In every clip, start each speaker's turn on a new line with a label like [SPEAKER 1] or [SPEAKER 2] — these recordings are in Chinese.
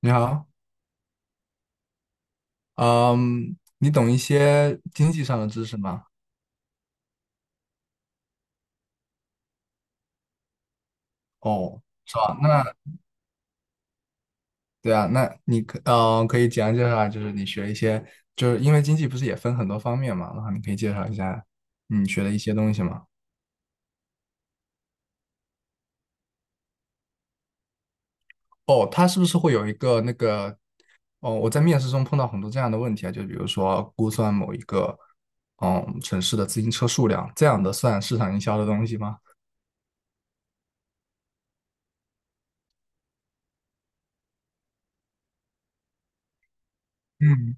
[SPEAKER 1] 你好，嗯，你懂一些经济上的知识吗？哦，是吧？那对啊，那你可以简单介绍一下，就是你学一些，就是因为经济不是也分很多方面嘛，然后你可以介绍一下你学的一些东西吗？哦，它是不是会有一个那个？哦，我在面试中碰到很多这样的问题啊，就比如说估算某一个城市的自行车数量这样的算市场营销的东西吗？嗯，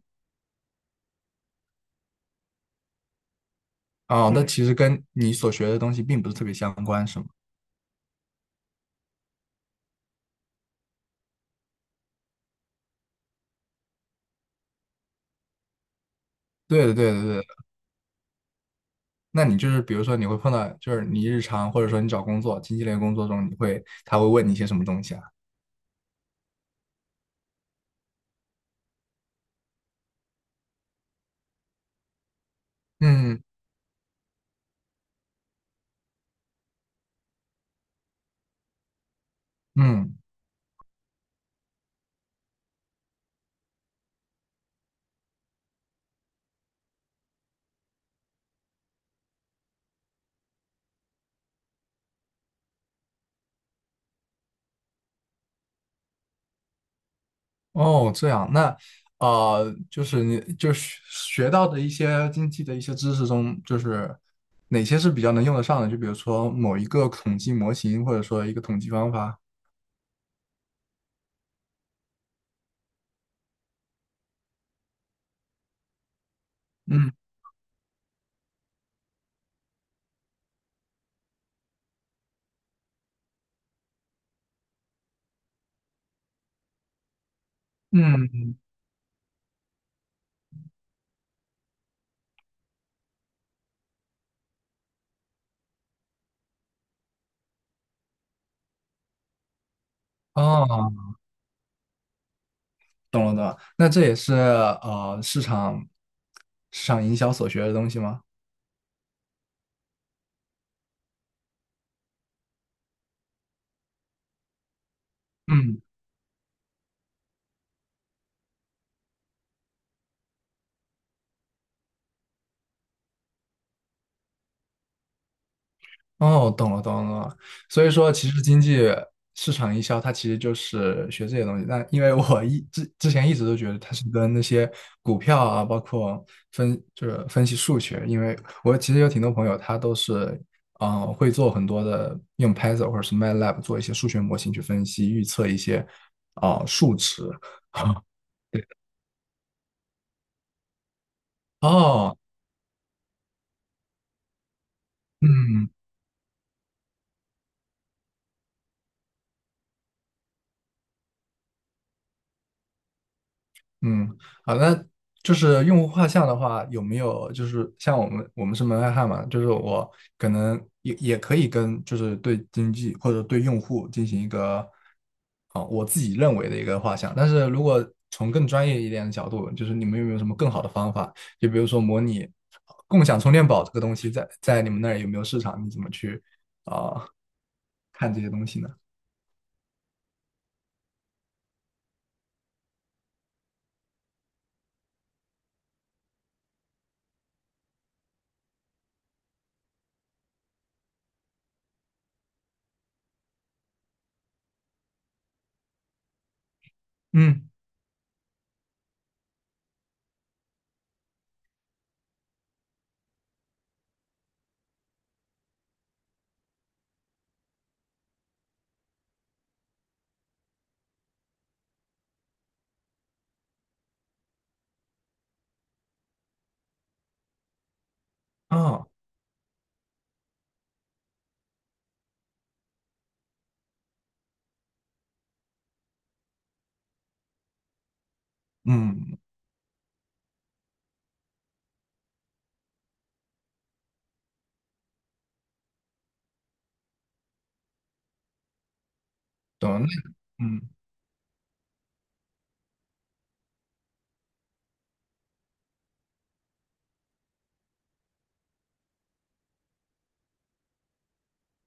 [SPEAKER 1] 哦，那其实跟你所学的东西并不是特别相关，是吗？对的，对的，对的。那你就是比如说你会碰到，就是你日常或者说你找工作，经济类工作中，你会他会问你一些什么东西啊？嗯，嗯，哦，这样，那呃，就是你就是学到的一些经济的一些知识中，就是哪些是比较能用得上的？就比如说某一个统计模型，或者说一个统计方法。嗯，嗯，哦，懂了懂了，那这也是市场市场营销所学的东西吗？嗯。哦，懂了，懂了，懂了。所以说，其实经济市场营销它其实就是学这些东西。但因为我之前一直都觉得它是跟那些股票啊，包括分就是分析数学，因为我其实有挺多朋友他都是会做很多的用 Python 或者是 MATLAB 做一些数学模型去分析预测一些数值。哦，嗯，嗯，好，那就是用户画像的话，有没有就是像我们是门外汉嘛，就是我可能也可以跟就是对经济或者对用户进行一个我自己认为的一个画像，但是如果从更专业一点的角度，就是你们有没有什么更好的方法？就比如说模拟共享充电宝这个东西在，在你们那儿有没有市场？你怎么去啊、看这些东西呢？嗯，啊，嗯，懂了。那嗯。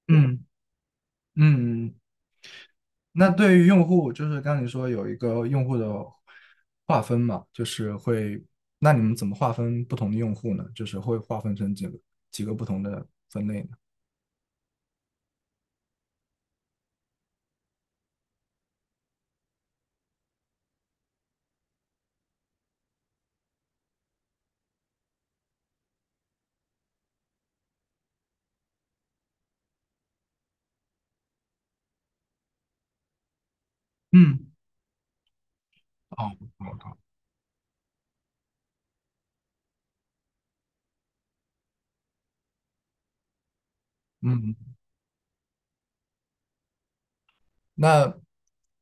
[SPEAKER 1] 嗯，嗯，那对于用户，就是刚刚你说有一个用户的划分嘛，就是会，那你们怎么划分不同的用户呢？就是会划分成几个几个不同的分类呢？嗯，哦，好的。嗯那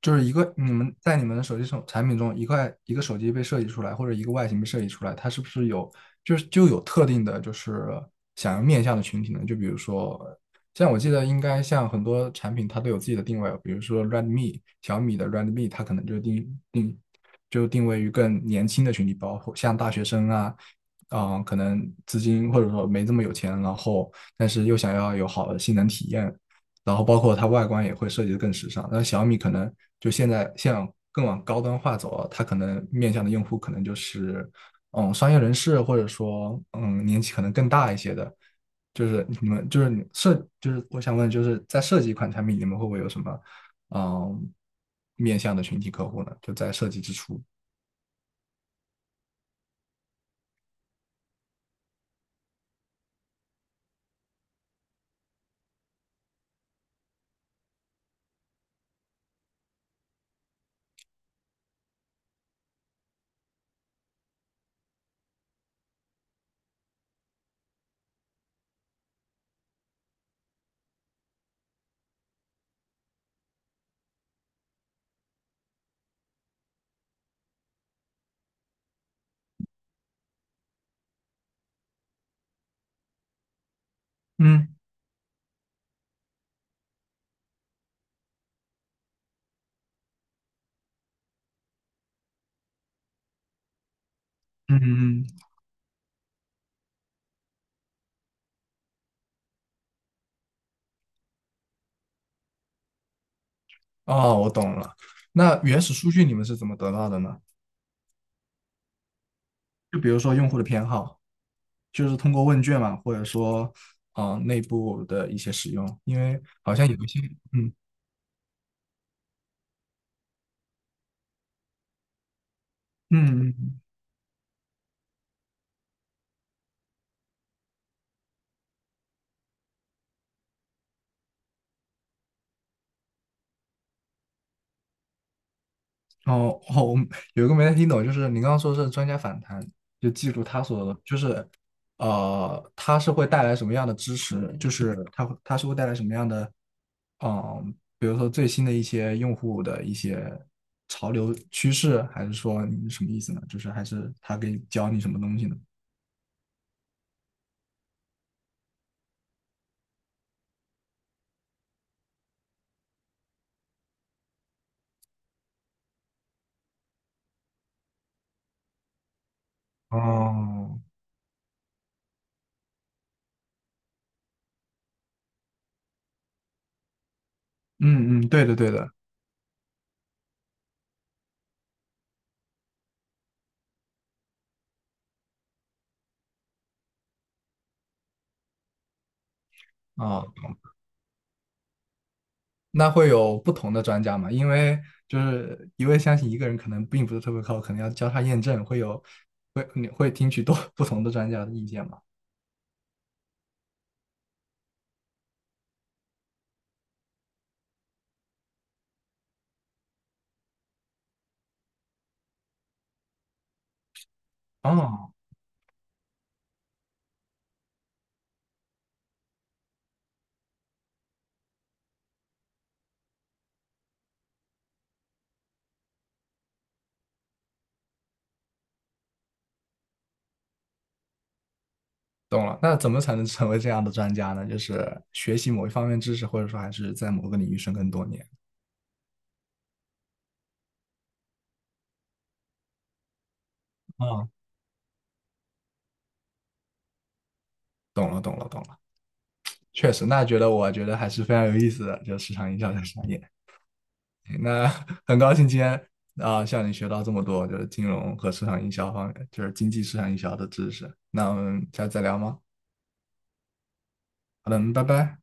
[SPEAKER 1] 就是一个你们在你们的手产品中，一块一个手机被设计出来，或者一个外形被设计出来，它是不是有就是就有特定的，就是想要面向的群体呢？就比如说，像我记得应该像很多产品它都有自己的定位哦，比如说 Redmi 小米的 Redmi，它可能就定位于更年轻的群体，包括像大学生啊。嗯，可能资金或者说没这么有钱，然后但是又想要有好的性能体验，然后包括它外观也会设计的更时尚。那小米可能就现在像更往高端化走啊，它可能面向的用户可能就是嗯商业人士，或者说嗯年纪可能更大一些的。就是你们就是你设就是我想问，就是在设计一款产品，你们会不会有什么嗯面向的群体客户呢？就在设计之初。嗯，嗯，嗯，哦，我懂了。那原始数据你们是怎么得到的呢？就比如说用户的偏好。就是通过问卷嘛，或者说呃内部的一些使用，因为好像有一些嗯，嗯，嗯，嗯，哦哦，我有一个没太听懂，就是你刚刚说是专家访谈，就记住他所就是呃会带来什么样的支持，就是他是会带来什么样的嗯，呃比如说最新的一些用户的一些潮流趋势，还是说你什么意思呢？就是还是他给你教你什么东西呢？哦，嗯，嗯，对的对的。啊、那会有不同的专家嘛？因为就是一味相信一个人可能并不是特别靠谱，可能要交叉验证，会有会你会听取多 不同的专家的意见嘛？哦，懂了。那怎么才能成为这样的专家呢？就是学习某一方面知识，或者说还是在某个领域深耕多年。哦，懂了，懂了，懂了。确实，那觉得我觉得还是非常有意思的，就是市场营销这个专业。那 很高兴今天向你学到这么多，就是金融和市场营销方面，就是经济市场营销的知识。那我们下次再聊吗？好的，嗯拜拜。